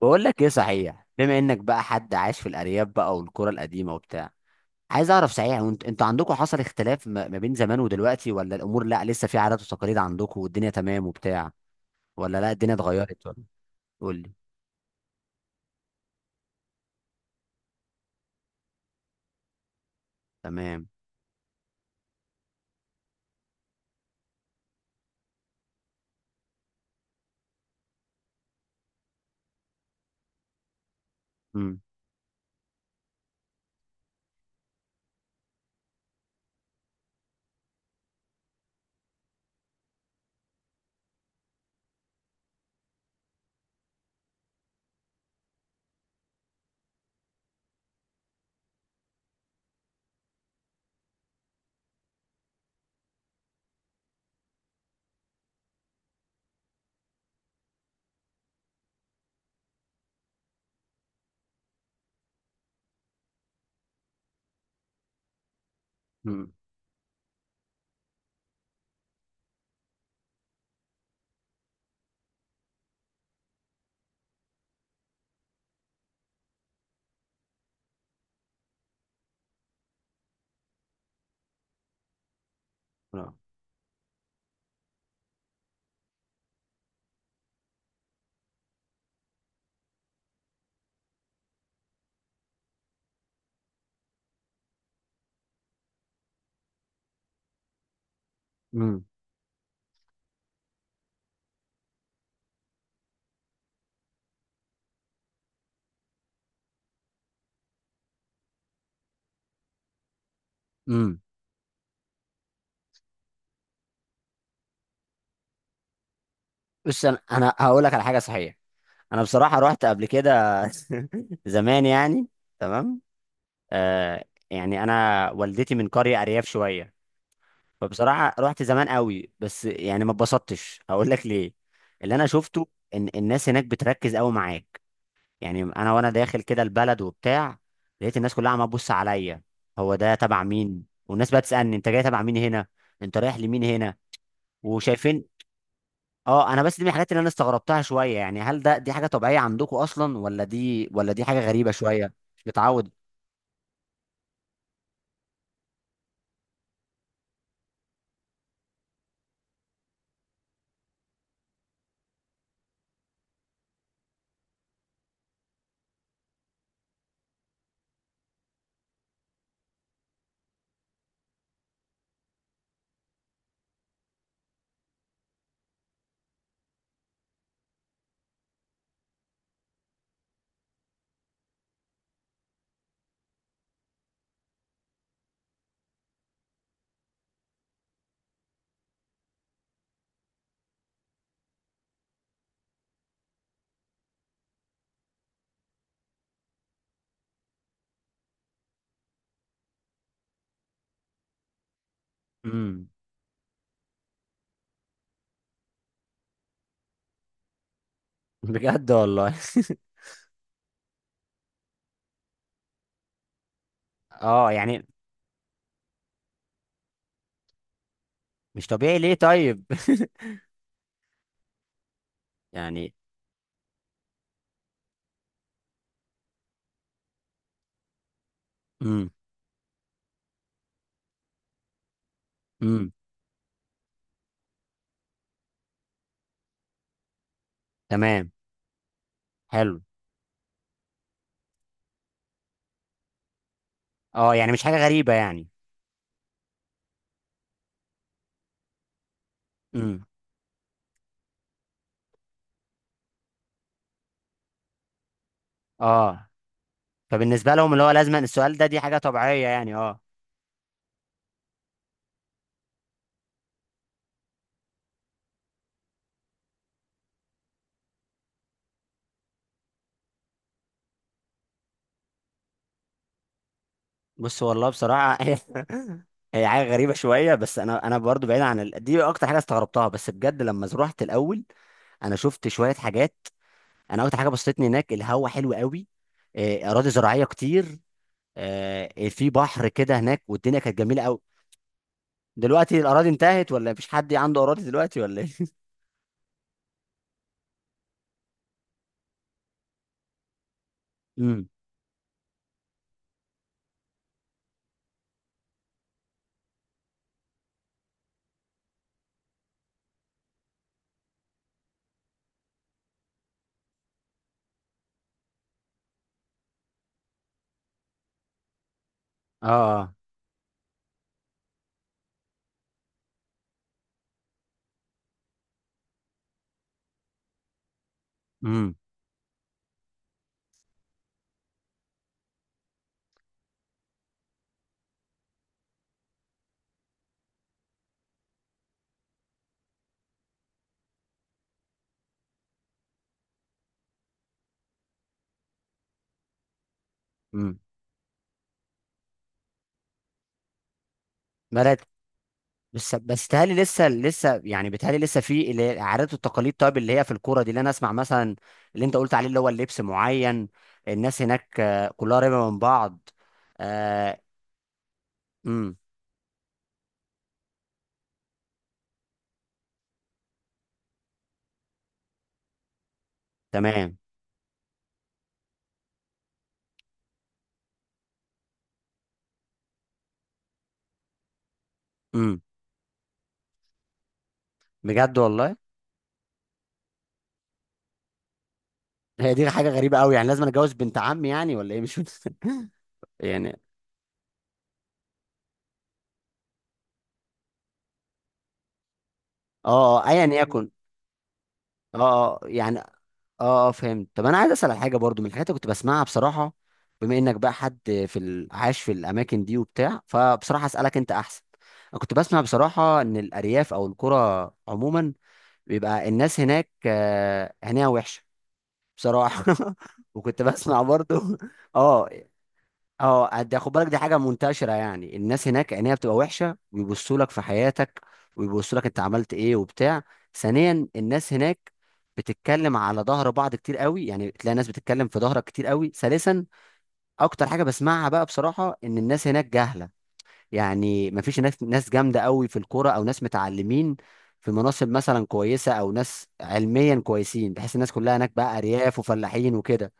بقول لك ايه؟ صحيح، بما انك بقى حد عايش في الارياف بقى، والقرى القديمه وبتاع، عايز اعرف. صحيح وانت، انتوا عندكم حصل اختلاف ما بين زمان ودلوقتي؟ ولا الامور لا، لسه في عادات وتقاليد عندكم والدنيا تمام وبتاع؟ ولا لا الدنيا اتغيرت ولا؟ قول لي. تمام. امم. امم. امم. امم. بص انا هقول لك على حاجه صحيح. انا بصراحه رحت قبل كده زمان يعني. تمام. آه. يعني انا والدتي من قريه ارياف شويه. فبصراحة رحت زمان قوي، بس يعني ما اتبسطتش. هقول لك ليه. اللي انا شفته ان الناس هناك بتركز قوي معاك. يعني انا وانا داخل كده البلد وبتاع، لقيت الناس كلها عماله تبص عليا، هو ده تبع مين؟ والناس بقى تسألني، انت جاي تبع مين هنا؟ انت رايح لمين هنا؟ وشايفين. اه، انا بس دي من الحاجات اللي انا استغربتها شوية. يعني هل ده دي حاجة طبيعية عندكم اصلا، ولا دي ولا دي حاجة غريبة شوية مش متعود؟ امم. بجد والله اه يعني. مش طبيعي ليه طيب؟ يعني. مم. امم. تمام. حلو. اه يعني مش حاجه غريبه يعني. امم. اه، فبالنسبه لهم اللي هو لازم السؤال ده، دي حاجه طبيعيه يعني. اه. بص والله بصراحه هي، هي حاجه غريبه شويه. بس انا، انا برضو بعيد عن دي اكتر حاجه استغربتها. بس بجد لما رحت الاول انا شفت شويه حاجات. انا اكتر حاجه بسطتني هناك، الهوا حلو قوي، آه، اراضي زراعيه كتير، آه، في بحر كده هناك، والدنيا كانت جميله قوي. دلوقتي الاراضي انتهت، ولا مفيش حد عنده اراضي دلوقتي ولا ايه؟ امم. اه. امم. بلد. بس بس بيتهيألي لسه يعني، بيتهيألي لسه في اللي هي العادات والتقاليد. طيب اللي هي في الكوره دي، اللي انا اسمع مثلا اللي انت قلت عليه، اللي هو اللبس معين. الناس هناك آه، كلها قريبه من بعض. آه. امم. تمام. امم. بجد والله. هي دي حاجه غريبه قوي يعني. لازم أنا اتجوز بنت عمي يعني ولا ايه؟ مش فاهم. يعني اه، آه، ايا يكن. اه آه، يعني اه اه، فهمت. طب انا عايز اسال على حاجه برضو من الحاجات اللي كنت بسمعها بصراحه، بما انك بقى حد في عايش في الاماكن دي وبتاع، فبصراحه اسالك انت احسن. انا كنت بسمع بصراحه ان الارياف او القرى عموما بيبقى الناس هناك آه، عينيها وحشه. بصراحه وكنت بسمع برضو اه. اه، خد بالك، دي حاجه منتشره يعني. الناس هناك عينيها بتبقى وحشه، ويبصوا لك في حياتك، ويبصوا لك انت عملت ايه وبتاع. ثانيا، الناس هناك بتتكلم على ظهر بعض كتير قوي. يعني تلاقي ناس بتتكلم في ظهرك كتير قوي. ثالثا، اكتر حاجه بسمعها بقى بصراحه ان الناس هناك جاهله. يعني مفيش ناس جامده قوي في الكوره، او ناس متعلمين في مناصب مثلا كويسه، او ناس علميا كويسين، بحيث الناس كلها هناك بقى ارياف وفلاحين وكده.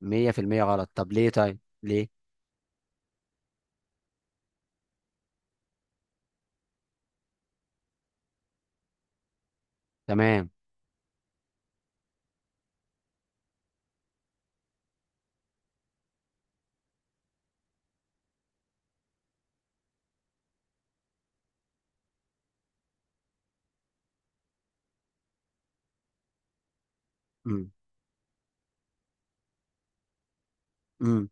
100% غلط؟ طب ليه طيب؟ ليه؟ تمام. امم.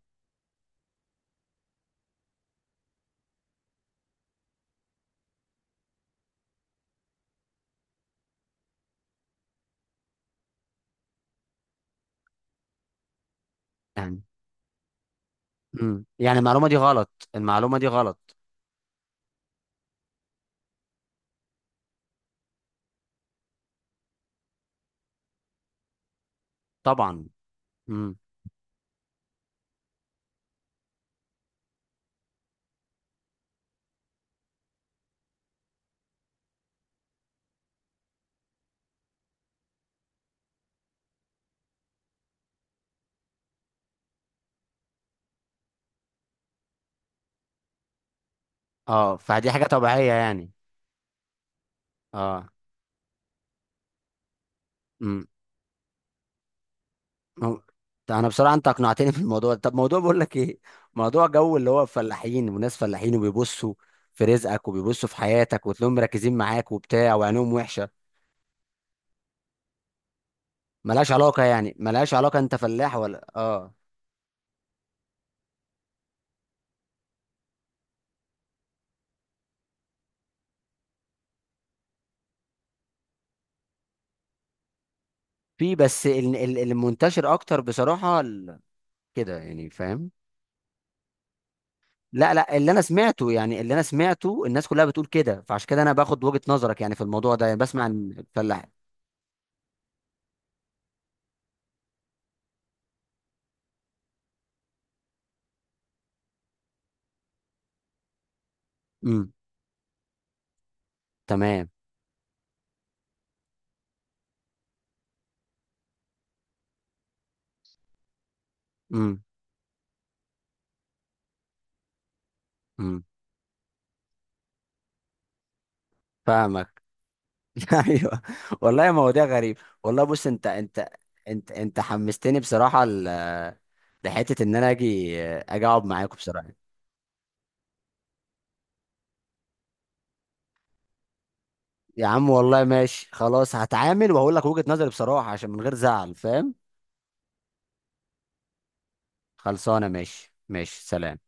يعني. امم، يعني المعلومة دي غلط، المعلومة دي غلط طبعا. امم. اه فدي حاجة طبيعية يعني. اه. امم. مم. ده انا بصراحة انت اقنعتني في الموضوع ده. طب موضوع بقول لك ايه، موضوع جو اللي هو فلاحين، وناس فلاحين وبيبصوا في رزقك وبيبصوا في حياتك، وتلاقيهم مركزين معاك وبتاع، وعينهم وحشة. ملهاش علاقة يعني؟ ملهاش علاقة انت فلاح ولا اه؟ في بس المنتشر اكتر بصراحة كده يعني فاهم. لا لا، اللي انا سمعته يعني، اللي انا سمعته الناس كلها بتقول كده. فعشان كده انا باخد وجهة نظرك يعني في الموضوع ده، يعني بسمع عن الفلاح. امم. تمام. امم. امم. فاهمك ايوه. والله يا مواضيع غريب. والله بص. انت حمستني بصراحة لحتة ان انا اجي اقعد معاكم بصراحة. يا عم والله ماشي خلاص، هتعامل وهقول لك وجهة نظري بصراحة، عشان من غير زعل فاهم. خلصانة. ماشي ماشي. سلام.